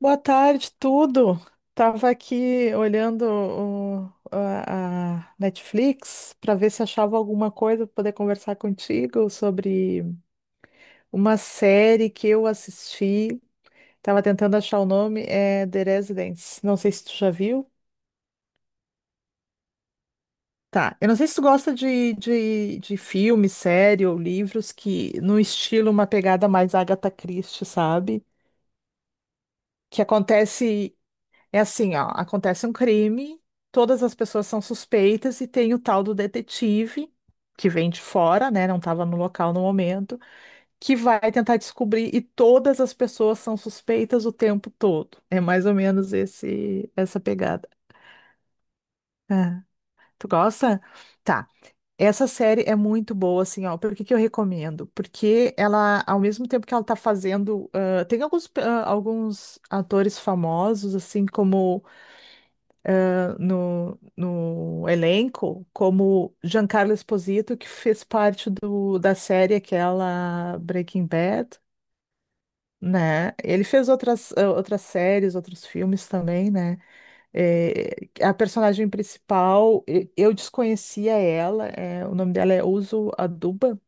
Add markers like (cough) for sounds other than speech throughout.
Boa tarde, tudo. Tava aqui olhando a Netflix para ver se achava alguma coisa para poder conversar contigo sobre uma série que eu assisti. Tava tentando achar o nome, é The Residence. Não sei se tu já viu. Tá, eu não sei se tu gosta de filme, série ou livros que no estilo uma pegada mais Agatha Christie, sabe? Que acontece É assim, ó, acontece um crime, todas as pessoas são suspeitas e tem o tal do detetive que vem de fora, né, não estava no local no momento, que vai tentar descobrir e todas as pessoas são suspeitas o tempo todo. É mais ou menos esse essa pegada. É. Tu gosta? Tá. Essa série é muito boa, assim, ó. Por que que eu recomendo? Porque ela, ao mesmo tempo que ela tá fazendo, tem alguns, alguns atores famosos, assim, como no elenco como Giancarlo Esposito, que fez parte da série aquela Breaking Bad, né? Ele fez outras, outras séries, outros filmes também, né? A personagem principal, eu desconhecia ela, o nome dela é Uso Aduba,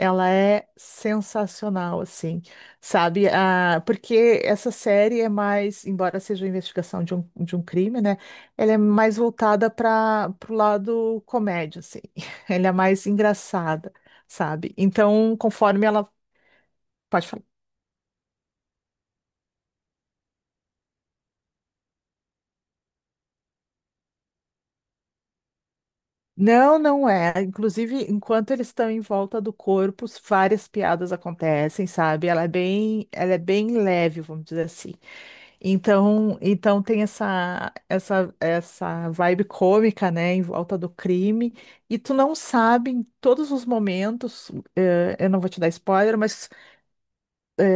ela é sensacional, assim, sabe? Ah, porque essa série é mais, embora seja uma investigação de um crime, né? Ela é mais voltada para o lado comédia, assim. (laughs) Ela é mais engraçada, sabe? Então, conforme ela Pode falar. Não, não é. Inclusive, enquanto eles estão em volta do corpo, várias piadas acontecem, sabe? Ela é bem leve, vamos dizer assim. Então, então tem essa vibe cômica, né, em volta do crime, e tu não sabe em todos os momentos, eu não vou te dar spoiler, mas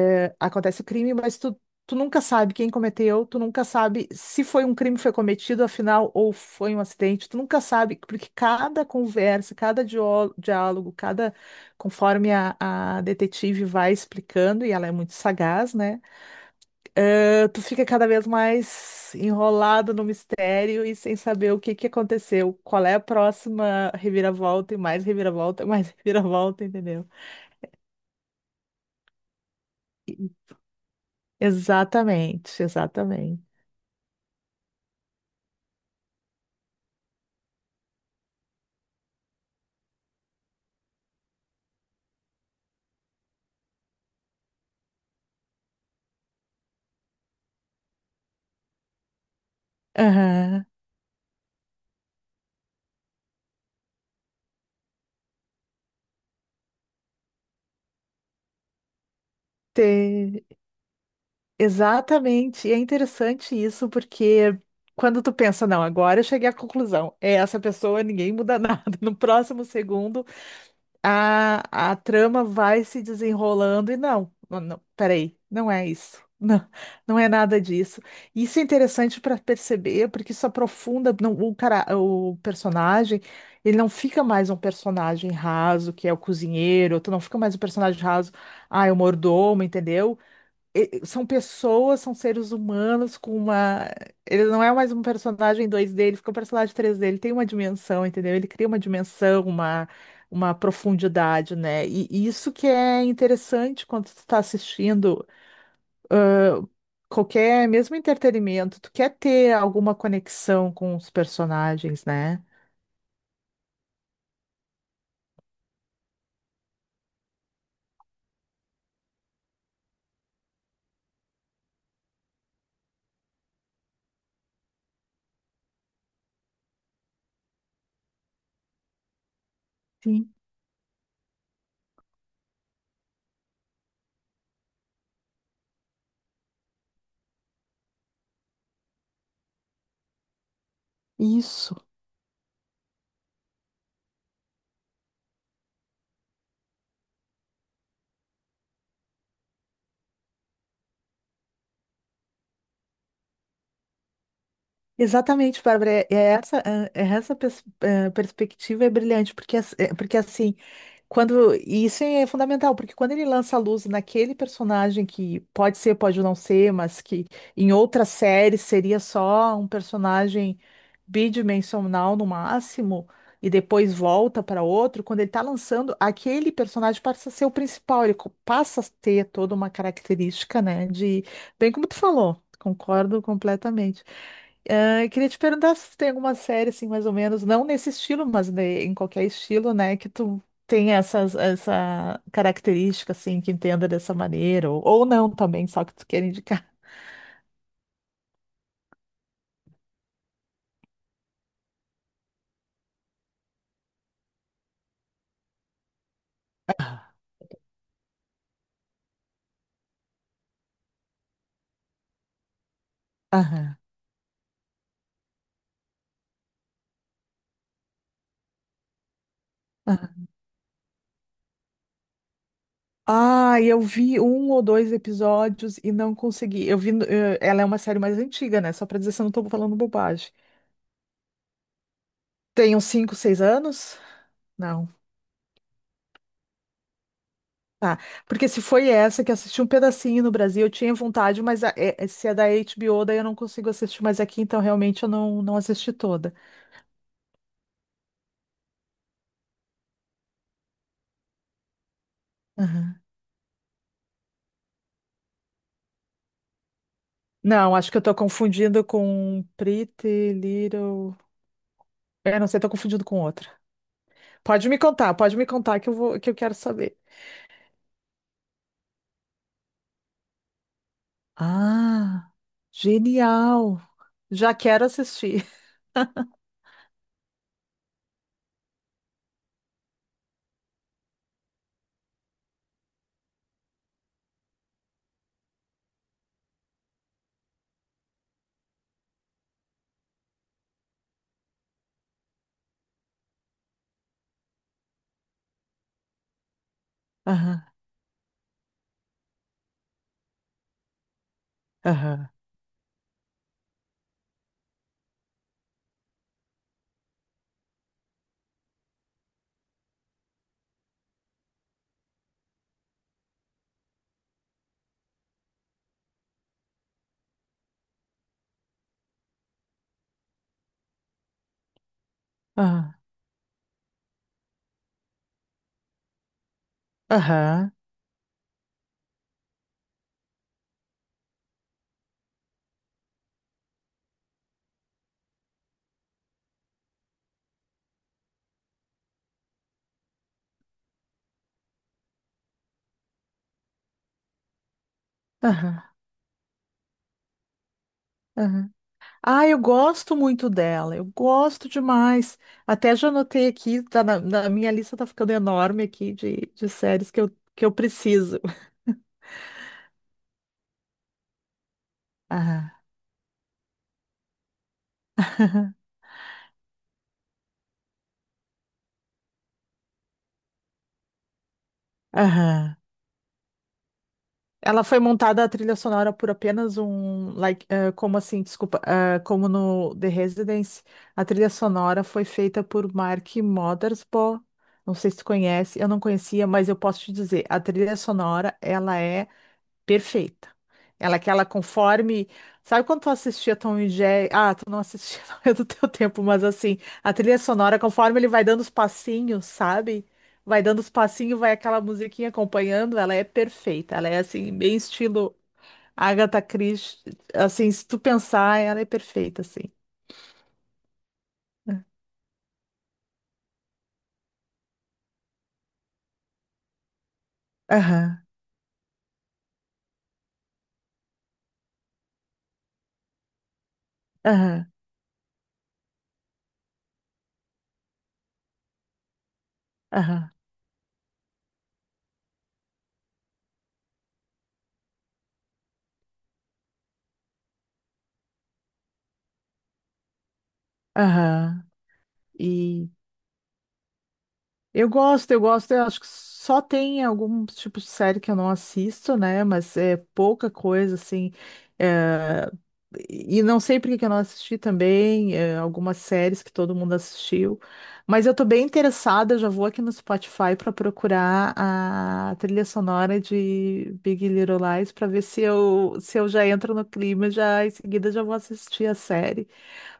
acontece o crime, mas tu nunca sabe quem cometeu, tu nunca sabe se foi um crime que foi cometido, afinal, ou foi um acidente, tu nunca sabe, porque cada conversa, diálogo, cada, conforme a detetive vai explicando, e ela é muito sagaz, né? Tu fica cada vez mais enrolado no mistério e sem saber o que que aconteceu, qual é a próxima reviravolta e mais reviravolta, mais (laughs) reviravolta, entendeu? Exatamente, exatamente. Aham. Te- Exatamente. E é interessante isso, porque quando tu pensa, não, agora eu cheguei à conclusão, é essa pessoa, ninguém muda (laughs) nada. No próximo segundo, a, a trama vai se desenrolando e não, não, não, peraí, não é isso. (laughs) Não, não é nada disso. Isso é interessante para perceber, porque isso aprofunda não, o cara, o personagem, ele não fica mais um personagem raso, que é o cozinheiro, tu não fica mais um personagem raso, ah, é o mordomo, entendeu? São pessoas, são seres humanos com uma. Ele não é mais um personagem 2D, ele fica um personagem 3D, ele tem uma dimensão, entendeu? Ele cria uma dimensão, uma profundidade, né? E isso que é interessante quando tu tá assistindo eh, qualquer, mesmo entretenimento, tu quer ter alguma conexão com os personagens, né? Sim, isso. Exatamente, Bárbara. É essa perspectiva é brilhante, porque, porque assim, quando, e isso é fundamental, porque quando ele lança a luz naquele personagem que pode ser, pode não ser, mas que em outra série seria só um personagem bidimensional no máximo, e depois volta para outro, quando ele está lançando, aquele personagem passa a ser o principal, passa a ter toda uma característica, né, de, bem como tu falou, concordo completamente, ah, eu queria te perguntar se tu tem alguma série, assim, mais ou menos, não nesse estilo, mas em qualquer estilo, né, que tu tem essa característica, assim, que entenda dessa maneira, ou não também, só que tu quer indicar. Aham, aham. Ah, eu vi um ou dois episódios e não consegui. Eu vi, no- eh, Ela é uma série mais antiga, né? Só pra dizer se eu não tô falando bobagem. Tem uns cinco, seis anos? Não. Tá. Porque se foi essa que assisti um pedacinho no Brasil, eu tinha vontade, mas se é da HBO, daí eu não consigo assistir mais aqui, então realmente eu não, não assisti toda. Aham. Não, acho que eu tô confundindo com Pretty Little. É, não sei, tô confundindo com outra. Pode me contar que eu vou, que eu quero saber. Ah, genial! Já quero assistir. Aham, aham, aham, aham, aham, aham. Ah, eu gosto muito dela, eu gosto demais. Até já anotei aqui, tá na minha lista tá ficando enorme aqui de séries que que eu preciso. (laughs) Aham, aham. Ela foi montada a trilha sonora por apenas um, like, eh, como assim, desculpa, eh, como no The Residence, a trilha sonora foi feita por Mark Mothersbaugh. Não sei se tu conhece, eu não conhecia, mas eu posso te dizer, a trilha sonora, ela é perfeita. Ela que ela conforme. Sabe quando tu assistia Tom e Jerry? Ah, tu não assistia, (laughs) não é do teu tempo, mas assim, a trilha sonora, conforme ele vai dando os passinhos, sabe? Vai dando os passinhos, vai aquela musiquinha acompanhando, ela é perfeita. Ela é assim, bem estilo Agatha Christie. Assim, se tu pensar, ela é perfeita, assim. Aham, aham, aham, aham. E Eu gosto, eu gosto. Eu acho que só tem algum tipo de série que eu não assisto, né? Mas é pouca coisa, assim. eh, E não sei por que que eu não assisti também, algumas séries que todo mundo assistiu. Mas eu tô bem interessada, já vou aqui no Spotify para procurar a trilha sonora de Big Little Lies para ver se eu já entro no clima, já em seguida já vou assistir a série.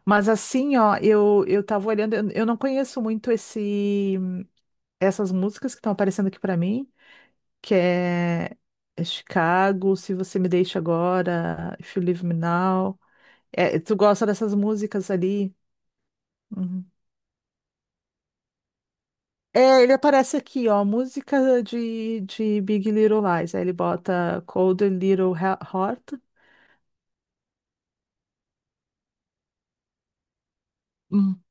Mas assim, ó, eu tava olhando, eu não conheço muito esse essas músicas que estão aparecendo aqui pra mim, que é é Chicago, Se Você Me Deixa Agora, If You Leave Me Now. É, tu gosta dessas músicas ali? Uhum. É, ele aparece aqui, ó, música de Big Little Lies. Aí ele bota Cold Little Heart. Hum.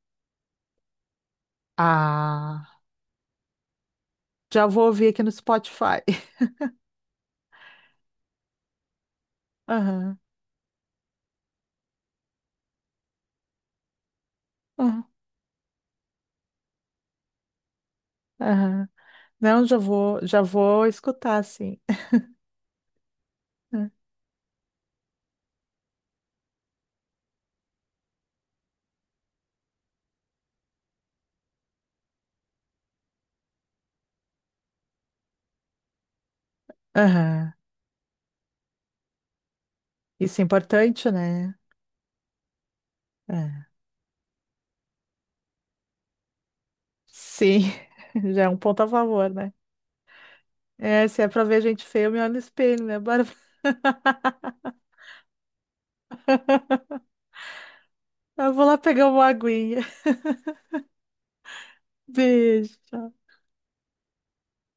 Ah, já vou ouvir aqui no Spotify. (laughs) Aham, aham, aham. Não, já vou escutar, sim. (laughs) Aham. Isso é importante, né? É. Sim, (laughs) já é um ponto a favor, né? É, se é pra ver gente feia, eu me olho no espelho, né, Bárbara? (laughs) Eu vou lá pegar uma aguinha. (laughs) Beijo.